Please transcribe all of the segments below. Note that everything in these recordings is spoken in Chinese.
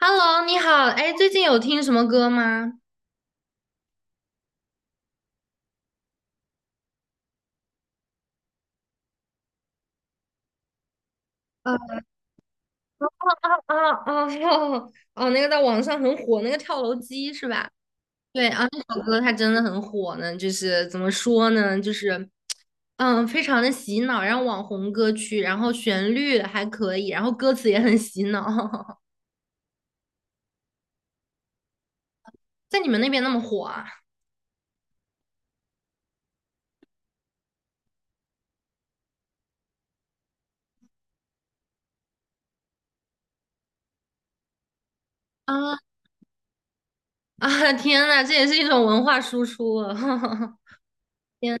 Hello，你好，哎，最近有听什么歌吗？啊啊啊！哦哦，那个在网上很火，那个跳楼机是吧？对啊，那首歌它真的很火呢，就是怎么说呢，就是非常的洗脑，然后网红歌曲，然后旋律还可以，然后歌词也很洗脑，在你们那边那么火啊？啊啊！天呐，这也是一种文化输出啊！天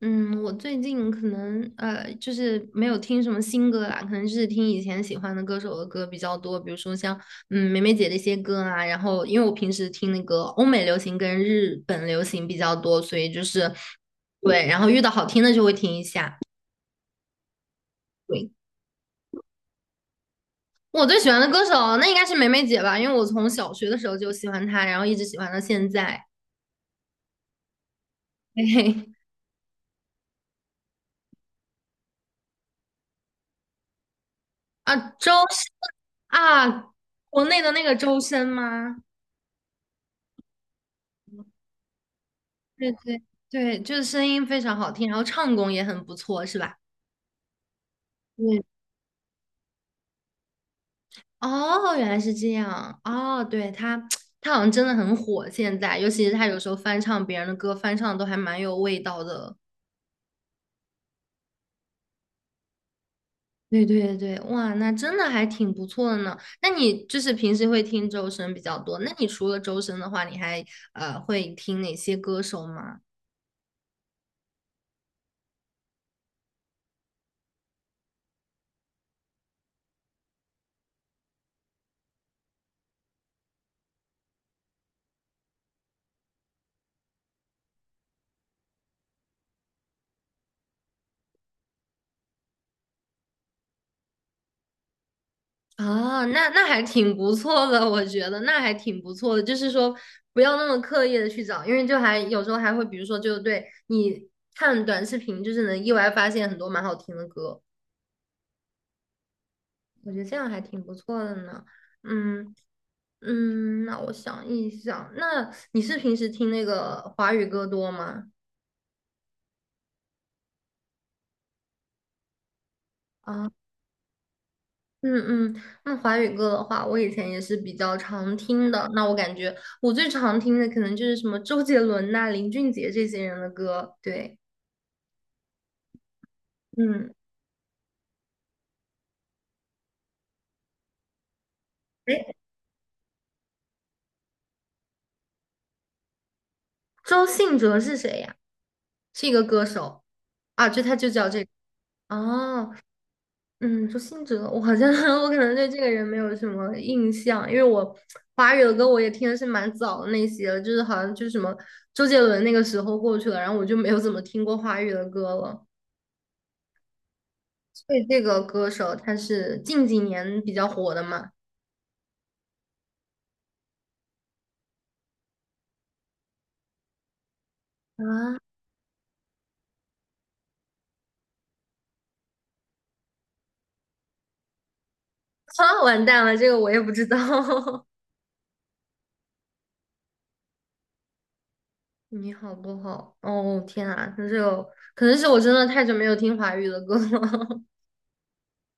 嗯，我最近可能就是没有听什么新歌啦，可能就是听以前喜欢的歌手的歌比较多，比如说像梅梅姐的一些歌啊，然后因为我平时听那个欧美流行跟日本流行比较多，所以就是对，然后遇到好听的就会听一下。对，我最喜欢的歌手那应该是梅梅姐吧，因为我从小学的时候就喜欢她，然后一直喜欢到现在。嘿嘿，啊，周深啊，国内的那个周深吗？对对对，就是声音非常好听，然后唱功也很不错，是吧？对，哦，原来是这样，哦，对，他，他好像真的很火，现在，尤其是他有时候翻唱别人的歌，翻唱得都还蛮有味道的。对对对，哇，那真的还挺不错的呢。那你就是平时会听周深比较多，那你除了周深的话，你还会听哪些歌手吗？啊，那还挺不错的，我觉得那还挺不错的，就是说不要那么刻意的去找，因为就还有时候还会，比如说就对你看短视频，就是能意外发现很多蛮好听的歌，我觉得这样还挺不错的呢。嗯嗯，那我想一想，那你是平时听那个华语歌多吗？啊。嗯嗯，那华语歌的话，我以前也是比较常听的。那我感觉我最常听的可能就是什么周杰伦呐、林俊杰这些人的歌。对，嗯，哎，周信哲是谁呀？是一个歌手啊，就他就叫这个。哦，嗯，周信哲，我好像 我可能对这个人没有什么印象，因为我华语的歌我也听的是蛮早的那些了就是好像就是什么周杰伦那个时候过去了，然后我就没有怎么听过华语的歌了。对，这个歌手他是近几年比较火的嘛？啊，啊，完蛋了，这个我也不知道。你好不好？哦，天啊，那这个可能是我真的太久没有听华语的歌了。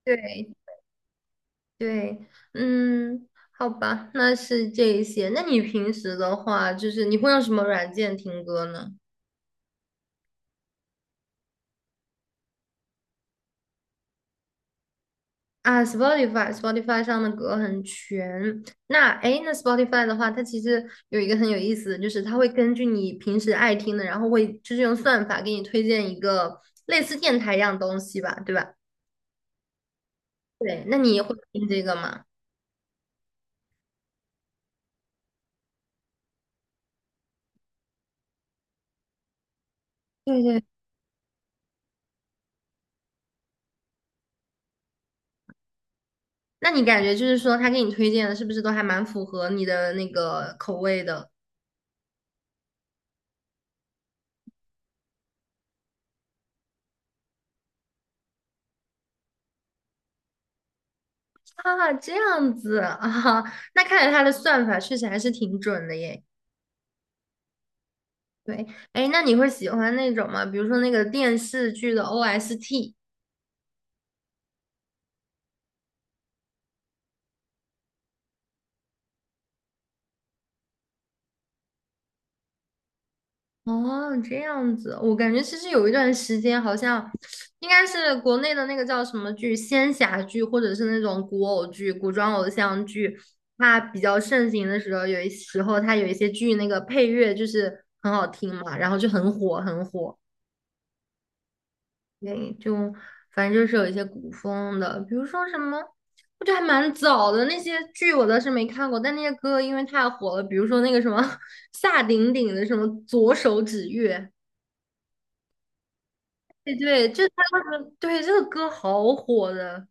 对对，嗯，好吧，那是这一些。那你平时的话，就是你会用什么软件听歌呢？啊，Spotify，Spotify 上的歌很全。那哎诶，那 Spotify 的话，它其实有一个很有意思的就是它会根据你平时爱听的，然后会就是用算法给你推荐一个类似电台一样东西吧，对吧？对，那你也会听这个吗？对对。那你感觉就是说，他给你推荐的是不是都还蛮符合你的那个口味的啊？这样子啊，那看来他的算法确实还是挺准的耶。对，哎，那你会喜欢那种吗？比如说那个电视剧的 OST。哦，这样子，我感觉其实有一段时间好像应该是国内的那个叫什么剧，仙侠剧，或者是那种古偶剧、古装偶像剧，它比较盛行的时候，有一时候它有一些剧那个配乐就是很好听嘛，然后就很火，很火。对，就反正就是有一些古风的，比如说什么，我觉得还蛮早的那些剧我倒是没看过，但那些歌因为太火了，比如说那个什么 夏鼎鼎的什么《左手指月》，对对，就他那个，对这个歌好火的，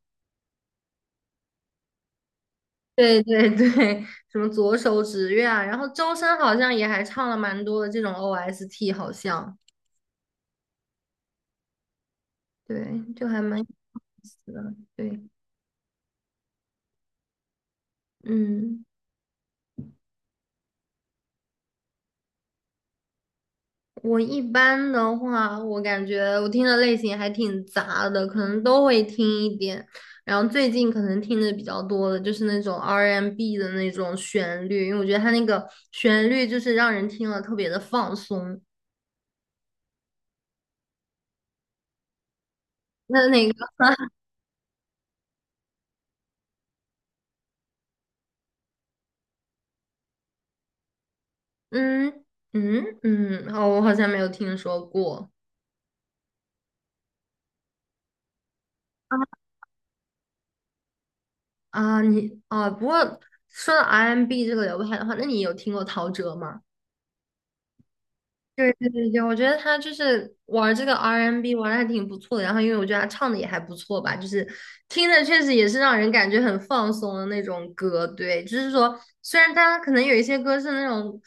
对对对，什么《左手指月》啊，然后周深好像也还唱了蛮多的这种 OST，好像对，就还蛮有意思的，对，嗯。我一般的话，我感觉我听的类型还挺杂的，可能都会听一点。然后最近可能听的比较多的就是那种 R&B 的那种旋律，因为我觉得它那个旋律就是让人听了特别的放松。那那个，嗯嗯嗯，哦，我好像没有听说过啊。啊你啊，不过说到 R&B 这个流派的话，那你有听过陶喆吗？对对对对，我觉得他就是玩这个 R&B 玩的还挺不错的，然后因为我觉得他唱的也还不错吧，就是听着确实也是让人感觉很放松的那种歌。对，就是说虽然他可能有一些歌是那种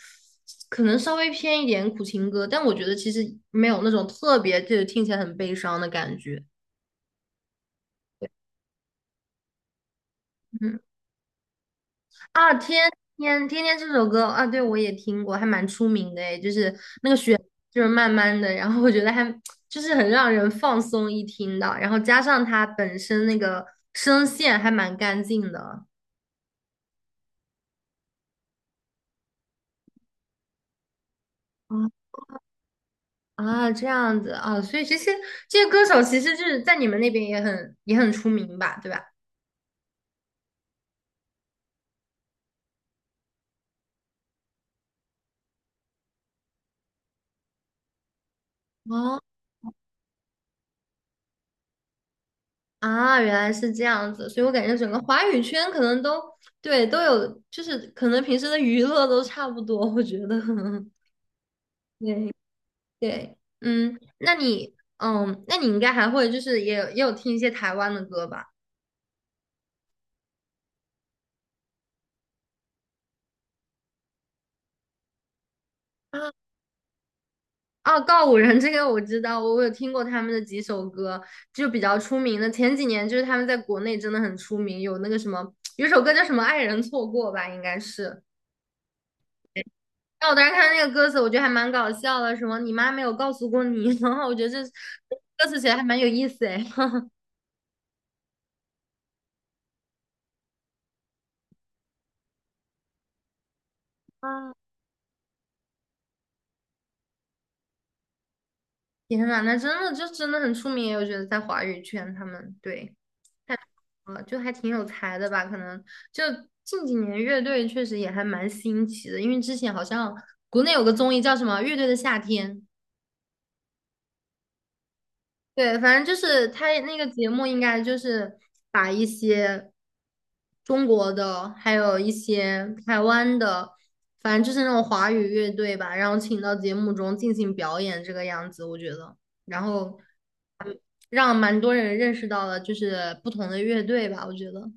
可能稍微偏一点苦情歌，但我觉得其实没有那种特别就是听起来很悲伤的感觉。嗯啊，天天天天这首歌啊，对我也听过，还蛮出名的诶，就是慢慢的，然后我觉得还就是很让人放松一听的，然后加上他本身那个声线还蛮干净的啊啊，这样子啊，所以这些歌手其实就是在你们那边也很出名吧，对吧？哦啊，原来是这样子，所以我感觉整个华语圈可能都对都有，就是可能平时的娱乐都差不多，我觉得，对对，嗯，那你应该还会就是也有听一些台湾的歌吧？啊啊，告五人这个我知道，我有听过他们的几首歌，就比较出名的。前几年就是他们在国内真的很出名，有那个什么，有一首歌叫什么“爱人错过”吧，应该是。但我当时看那个歌词，我觉得还蛮搞笑的，什么“你妈没有告诉过你”，然后我觉得这歌词写的还蛮有意思哎。啊天呐，那真的就真的很出名，我觉得在华语圈他们对。太就还挺有才的吧？可能就近几年乐队确实也还蛮新奇的，因为之前好像国内有个综艺叫什么《乐队的夏天》，对，反正就是他那个节目应该就是把一些中国的，还有一些台湾的，反正就是那种华语乐队吧，然后请到节目中进行表演这个样子，我觉得，然后嗯让蛮多人认识到了就是不同的乐队吧，我觉得。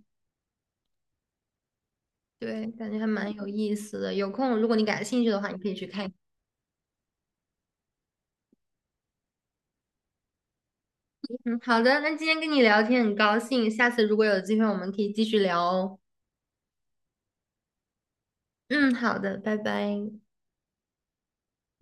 对，感觉还蛮有意思的。有空，如果你感兴趣的话，你可以去看一看。嗯，好的，那今天跟你聊天很高兴，下次如果有机会，我们可以继续聊哦。嗯，好的，拜拜。